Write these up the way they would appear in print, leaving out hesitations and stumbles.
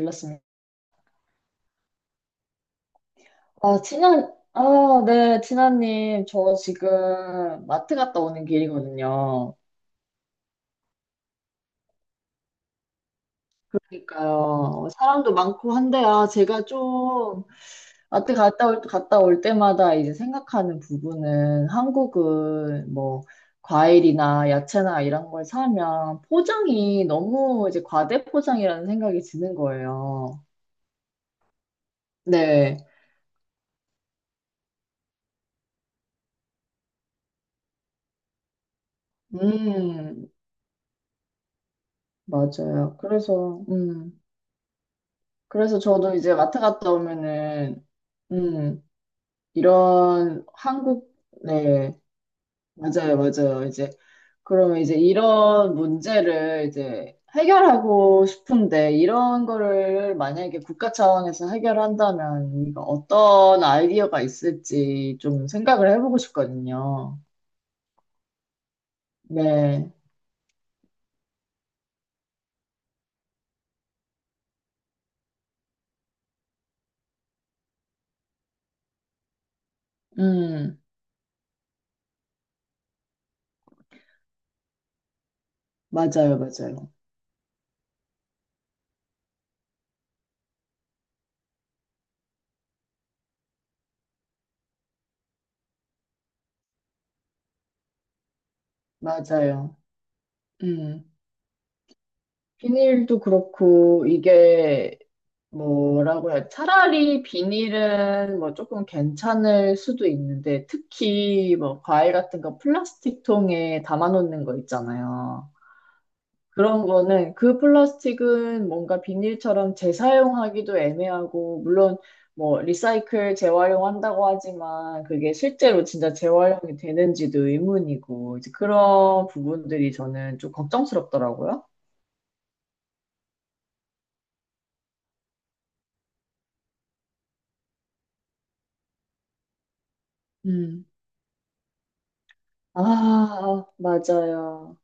몰랐습니다. 아, 아, 네, 진아님, 저 지금 마트 갔다 오는 길이거든요. 그러니까요, 사람도 많고 한데, 아, 제가 좀 마트 갔다 올 때마다 이제 생각하는 부분은 한국은 뭐, 과일이나 야채나 이런 걸 사면 포장이 너무 이제 과대포장이라는 생각이 드는 거예요. 네, 음, 맞아요. 그래서, 그래서 저도 이제 마트 갔다 오면은, 음, 이런 한국, 네, 맞아요, 맞아요. 이제, 그러면 이제 이런 문제를 이제 해결하고 싶은데, 이런 거를 만약에 국가 차원에서 해결한다면, 이거 어떤 아이디어가 있을지 좀 생각을 해보고 싶거든요. 네, 음, 맞아요, 맞아요. 맞아요. 음. 비닐도 그렇고, 이게, 뭐라고 해야, 차라리 비닐은 뭐 조금 괜찮을 수도 있는데, 특히 뭐 과일 같은 거 플라스틱 통에 담아놓는 거 있잖아요. 그런 거는 그 플라스틱은 뭔가 비닐처럼 재사용하기도 애매하고, 물론 뭐 리사이클 재활용한다고 하지만 그게 실제로 진짜 재활용이 되는지도 의문이고, 이제 그런 부분들이 저는 좀 걱정스럽더라고요. 음. 아, 맞아요.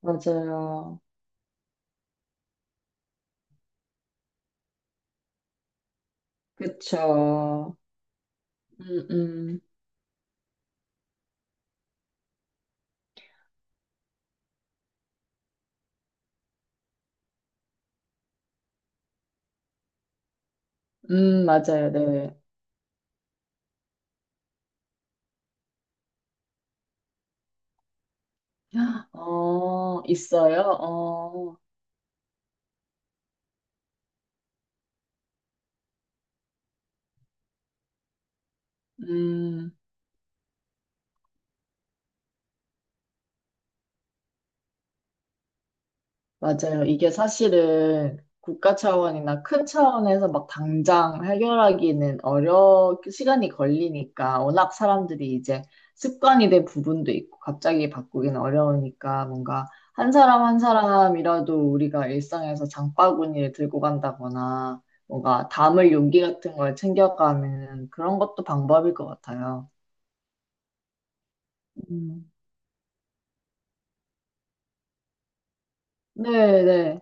맞아요. 그쵸. 음, 음, 맞아요. 네. 어, 있어요? 어, 음. 맞아요. 이게 사실은 국가 차원이나 큰 차원에서 막 당장 해결하기는 시간이 걸리니까 워낙 사람들이 이제 습관이 된 부분도 있고 갑자기 바꾸기는 어려우니까 뭔가 한 사람 한 사람이라도 우리가 일상에서 장바구니를 들고 간다거나 뭔가 담을 용기 같은 걸 챙겨가는 그런 것도 방법일 것 같아요. 음. 네네.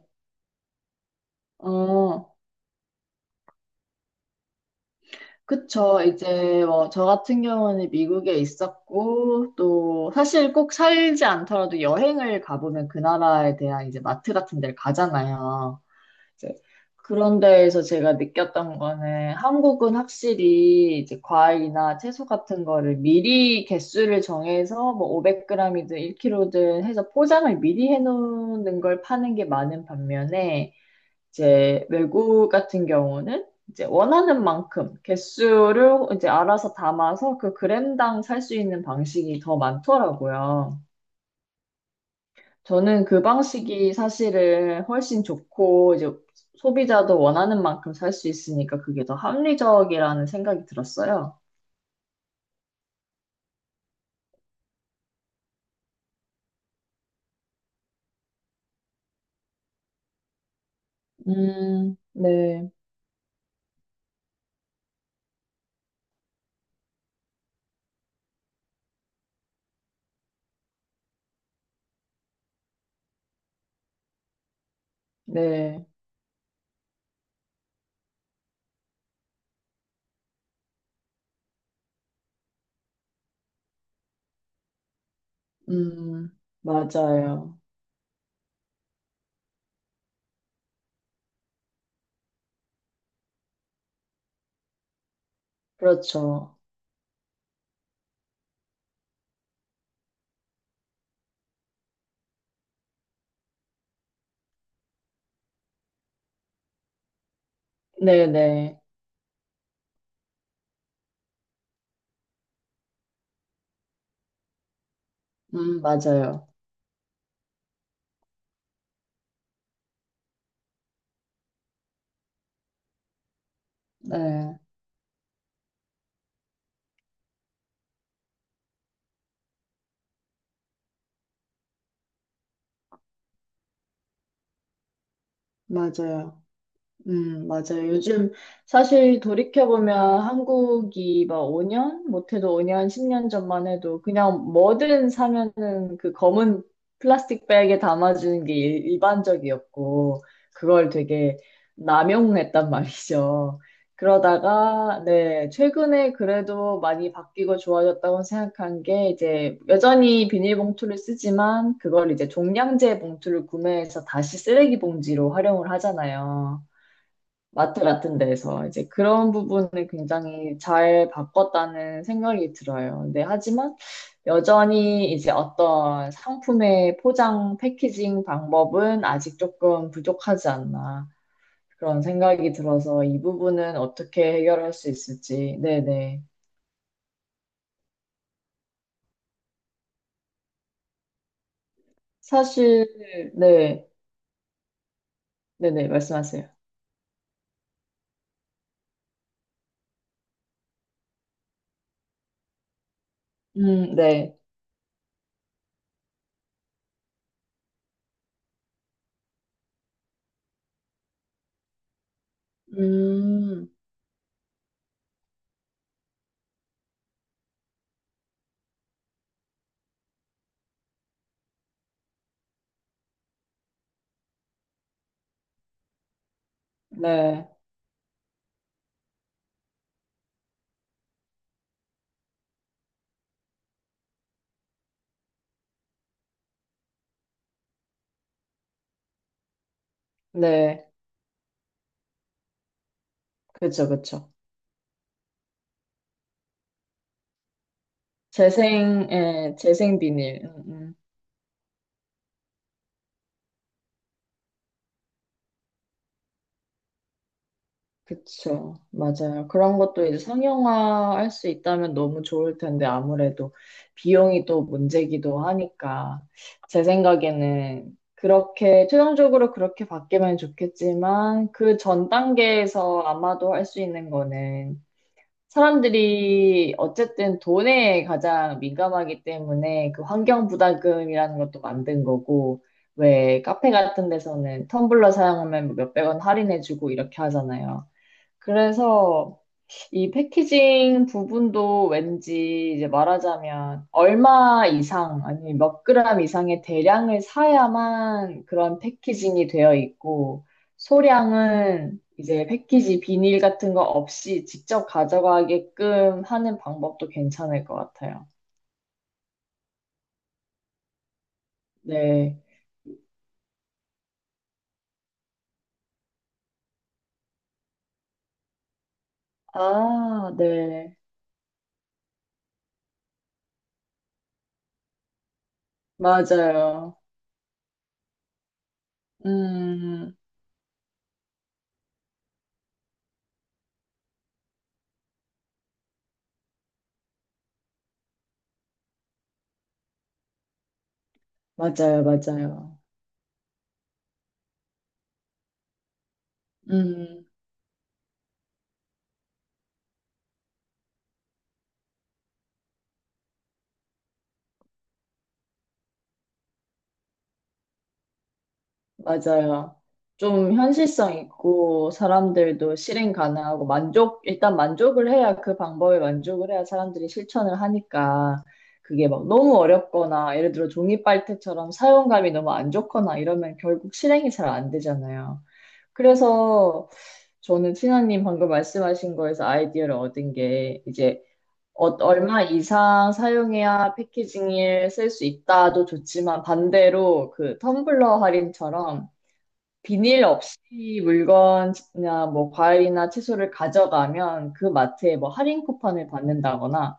그쵸. 이제 뭐 저 같은 경우는 미국에 있었고 또 사실 꼭 살지 않더라도 여행을 가보면 그 나라에 대한 이제 마트 같은 데를 가잖아요. 이제 그런 데에서 제가 느꼈던 거는 한국은 확실히 이제 과일이나 채소 같은 거를 미리 개수를 정해서 뭐 500g이든 1kg든 해서 포장을 미리 해놓는 걸 파는 게 많은 반면에 이제 외국 같은 경우는 이제 원하는 만큼 개수를 이제 알아서 담아서 그 그램당 살 수 있는 방식이 더 많더라고요. 저는 그 방식이 사실은 훨씬 좋고 이제 소비자도 원하는 만큼 살 수 있으니까 그게 더 합리적이라는 생각이 들었어요. 네, 네, 음, 맞아요. 그렇죠. 네네, 맞아요. 네, 맞아요. 맞아요. 요즘 사실 돌이켜보면 한국이 막 5년, 못해도 5년, 10년 전만 해도 그냥 뭐든 사면은 그 검은 플라스틱 백에 담아주는 게 일반적이었고, 그걸 되게 남용했단 말이죠. 그러다가, 네, 최근에 그래도 많이 바뀌고 좋아졌다고 생각한 게 이제 여전히 비닐봉투를 쓰지만 그걸 이제 종량제 봉투를 구매해서 다시 쓰레기 봉지로 활용을 하잖아요. 마트 같은 데서 이제 그런 부분을 굉장히 잘 바꿨다는 생각이 들어요. 근데 하지만 여전히 이제 어떤 상품의 포장, 패키징 방법은 아직 조금 부족하지 않나 그런 생각이 들어서 이 부분은 어떻게 해결할 수 있을지. 네네. 사실, 네. 네네. 말씀하세요. 네. 음, 네. 네. 그쵸, 그쵸. 재생, 예, 재생 비닐. 그쵸. 맞아요. 그런 것도 이제 상용화 할 수 있다면 너무 좋을 텐데, 아무래도 비용이 또 문제기도 하니까, 제 생각에는 그렇게, 최종적으로 그렇게 바뀌면 좋겠지만, 그 전 단계에서 아마도 할 수 있는 거는, 사람들이 어쨌든 돈에 가장 민감하기 때문에 그 환경 부담금이라는 것도 만든 거고, 왜 카페 같은 데서는 텀블러 사용하면 뭐 몇백 원 할인해주고 이렇게 하잖아요. 그래서 이 패키징 부분도 왠지 이제 말하자면 얼마 이상, 아니 몇 그램 이상의 대량을 사야만 그런 패키징이 되어 있고, 소량은 이제 패키지 비닐 같은 거 없이 직접 가져가게끔 하는 방법도 괜찮을 것 같아요. 네. 아, 네. 맞아요. 음, 맞아요, 맞아요. 음. 맞아요. 좀 현실성 있고 사람들도 실행 가능하고 만족, 일단 만족을 해야 그 방법에 만족을 해야 사람들이 실천을 하니까 그게 막 너무 어렵거나 예를 들어 종이 빨대처럼 사용감이 너무 안 좋거나 이러면 결국 실행이 잘 안 되잖아요. 그래서 저는 티나님 방금 말씀하신 거에서 아이디어를 얻은 게 이제 얼마 이상 사용해야 패키징을 쓸 수 있다도 좋지만 반대로 그 텀블러 할인처럼 비닐 없이 물건이나 뭐 과일이나 채소를 가져가면 그 마트에 뭐 할인 쿠폰을 받는다거나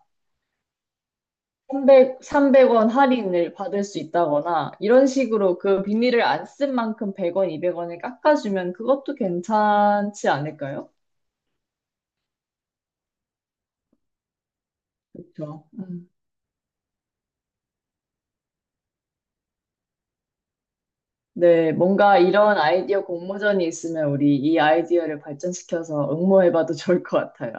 300, 300원 할인을 받을 수 있다거나 이런 식으로 그 비닐을 안 쓴 만큼 100원, 200원을 깎아주면 그것도 괜찮지 않을까요? 그렇죠. 음. 네, 뭔가 이런 아이디어 공모전이 있으면 우리 이 아이디어를 발전시켜서 응모해봐도 좋을 것 같아요.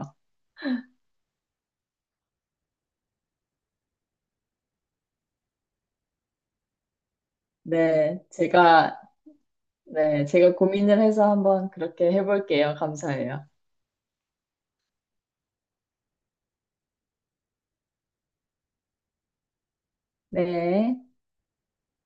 네, 제가, 네, 제가 고민을 해서 한번 그렇게 해볼게요. 감사해요. 네.